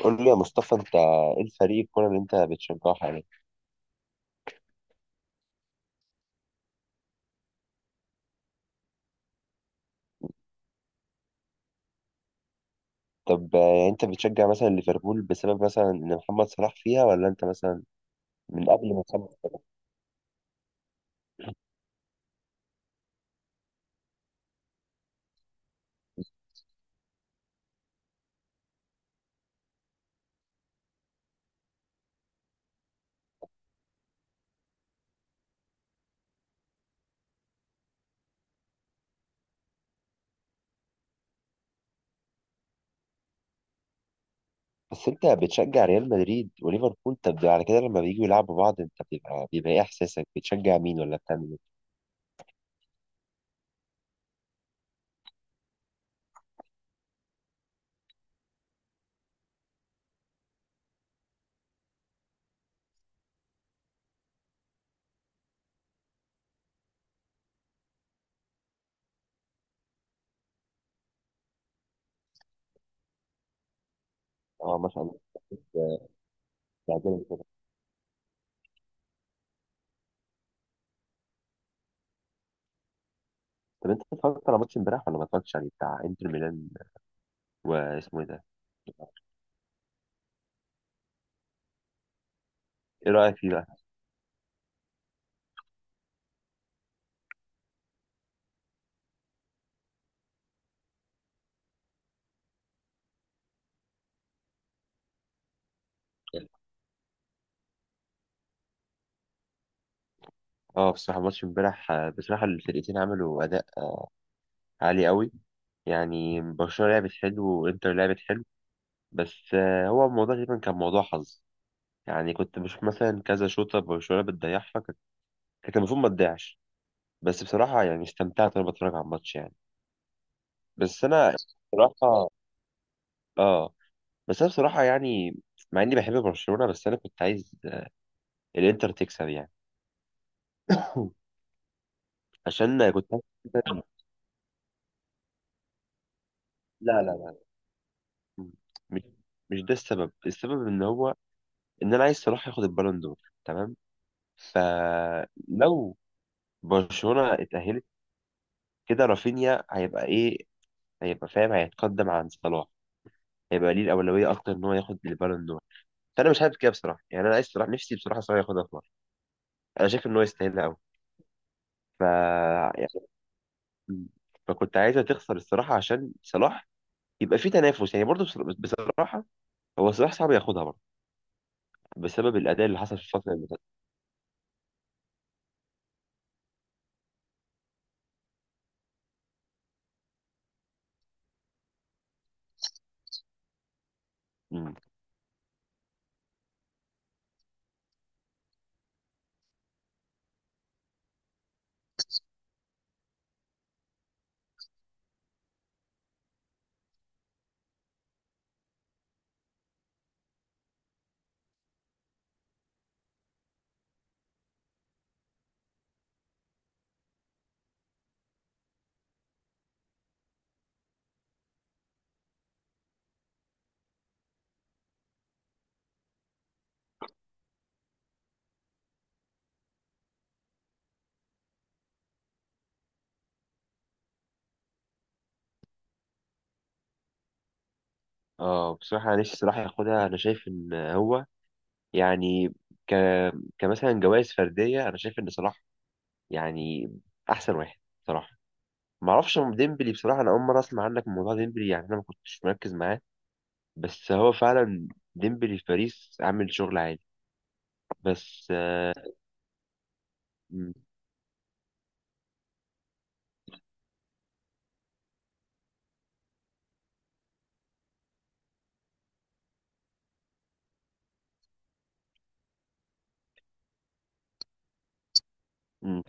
قول لي يا مصطفى، انت ايه الفريق الكوره اللي انت بتشجعه حاليا؟ طب يعني انت بتشجع مثلا ليفربول بسبب مثلا ان محمد صلاح فيها، ولا انت مثلا من قبل ما محمد صلاح؟ بس انت بتشجع ريال مدريد وليفربول، طب على كده لما بييجوا يلعبوا بعض انت بيبقى ايه احساسك؟ بتشجع مين ولا بتعمل ايه؟ اه، ما شاء الله. آه، بتعجبني كده. طب انت اتفرجت على ماتش امبارح ولا ما اتفرجتش عليه، بتاع انتر ميلان؟ واسمه ايه ده؟ ايه رايك فيه بقى؟ اه، بصراحه ماتش امبارح، بصراحه الفرقتين عملوا اداء عالي قوي. يعني برشلونة لعبت حلو وانتر لعبت حلو. بس هو الموضوع تقريبا كان موضوع حظ. يعني كنت بشوف مثلا كذا شوطة برشلونة بتضيعها، كانت المفروض ما تضيعش. بس بصراحة يعني استمتعت وانا بتفرج على الماتش يعني. بس انا بصراحة اه بس انا بصراحة يعني مع اني بحب برشلونة، بس انا كنت عايز الانتر تكسب يعني. عشان كنت كده- لا لا لا، مش مش ده السبب. السبب ان هو ان انا عايز صلاح ياخد البالون دور، تمام؟ فلو برشلونة اتأهلت كده رافينيا هيبقى ايه؟ هيبقى فاهم، هيتقدم عن صلاح، هيبقى ليه الأولوية أكتر إن هو ياخد البالون دور. فأنا مش حابب كده بصراحة، يعني أنا عايز صلاح، نفسي بصراحة صلاح ياخدها في مرة. أنا شايف إن هو يستاهلها أوي. ف يعني- فكنت عايزها تخسر الصراحة عشان صلاح يبقى في تنافس، يعني برضه بصراحة هو صلاح صعب ياخدها برضه بسبب الأداء اللي حصل في الفترة اللي فاتت. مم. اه، بصراحة أنا نفسي صلاح ياخدها. أنا شايف إن هو يعني ك... كمثلا جوائز فردية أنا شايف إن صلاح يعني احسن واحد بصراحه. ما اعرفش عن ديمبلي بصراحه، انا اول مره اسمع عنك من موضوع ديمبلي، يعني انا ما كنتش مركز معاه. بس هو فعلا ديمبلي في باريس عامل شغل عالي. بس م- م-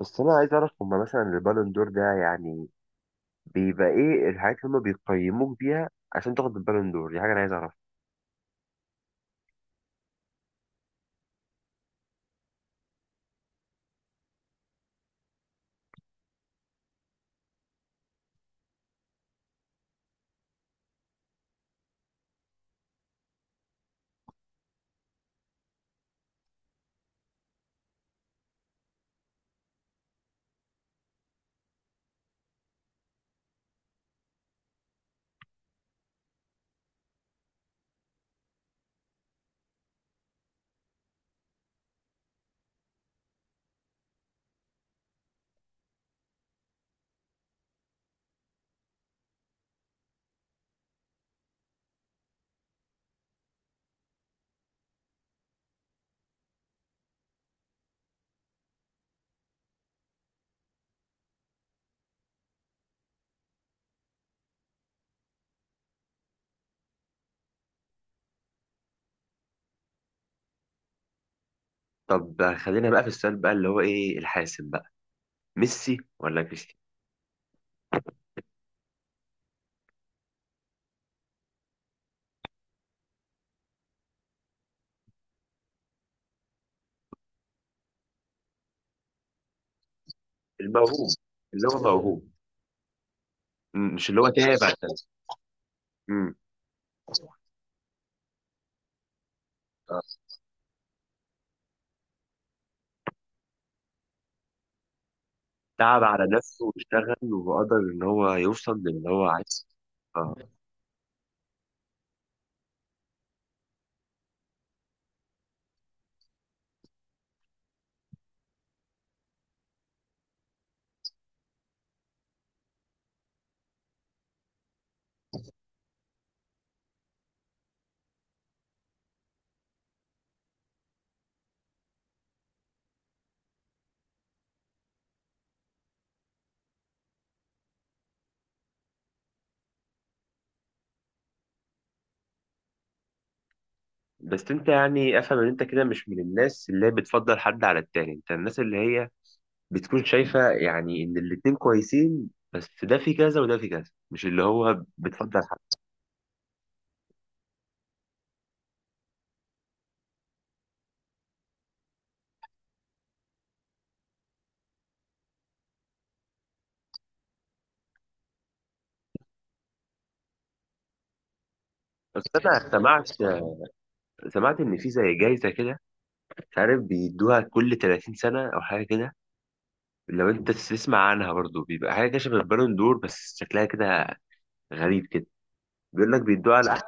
بس انا عايز اعرف هما مثلا البالون دور ده يعني بيبقى ايه الحاجات اللي هما بيقيموك بيها عشان تاخد البالون دور؟ دي حاجه انا عايز اعرفها. طب خلينا بقى في السؤال بقى اللي هو ايه الحاسم بقى، ميسي ولا كريستيانو؟ الموهوب، اللي هو موهوب. مش اللي هو تعب عشان؟ مم. تعب على نفسه واشتغل وقدر ان هو يوصل للي هو عايزه. اه. بس انت يعني افهم ان انت كده مش من الناس اللي هي بتفضل حد على التاني، انت الناس اللي هي بتكون شايفة يعني ان الاتنين كويسين، بس ده في كذا وده في كذا، مش اللي هو بتفضل حد. بس انا سمعت ان في زي جايزة كده، مش عارف، بيدوها كل 30 سنة او حاجة كده. لو انت تسمع عنها برضو، بيبقى حاجة كده شبه البالون دور بس شكلها كده غريب كده. بيقول لك بيدوها على،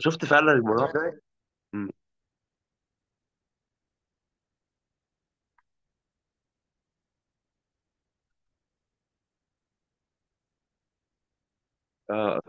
شفت فعلا الموضوع ده؟ اه.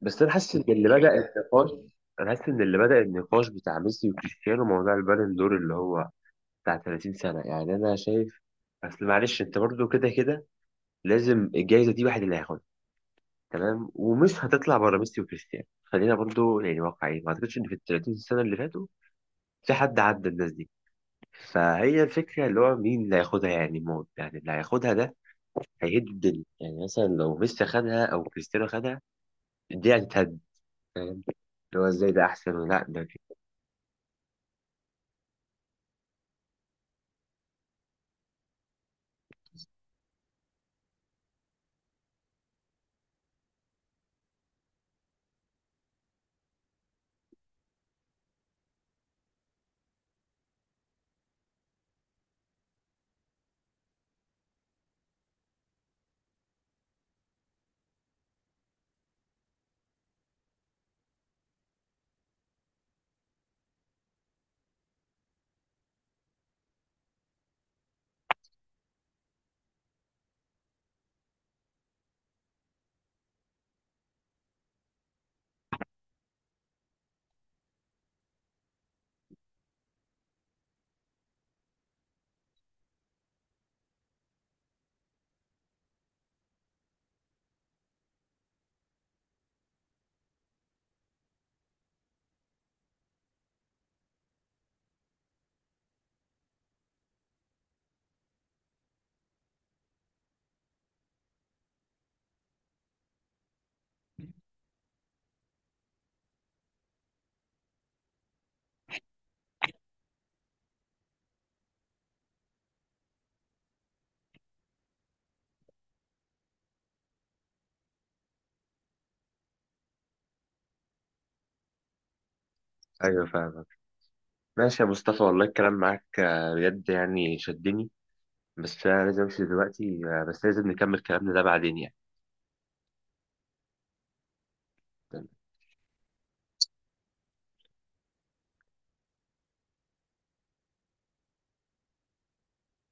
بس انا حاسس ان اللي بدأ النقاش انا حاسس ان اللي بدأ النقاش بتاع ميسي وكريستيانو موضوع البالون دور اللي هو بتاع 30 سنة. يعني انا شايف، اصل معلش انت برضو كده كده لازم الجائزة دي واحد اللي هياخدها، تمام؟ ومش هتطلع بره ميسي وكريستيانو، خلينا برضو يعني واقعيين، ما اعتقدش ان في ال 30 سنة اللي فاتوا في حد عدى الناس دي. فهي الفكرة اللي هو مين اللي هياخدها يعني، موت، يعني اللي هياخدها ده هيهد الدنيا، يعني مثلا لو ميسي خدها او كريستيانو خدها الدنيا هتتهد، فاهم؟ اللي هو ازاي ده احسن ولا ده كده. ايوه، فاهمك. ماشي يا مصطفى، والله الكلام معاك بجد يعني شدني، بس انا لازم امشي دلوقتي، بس لازم نكمل كلامنا ده بعدين يعني.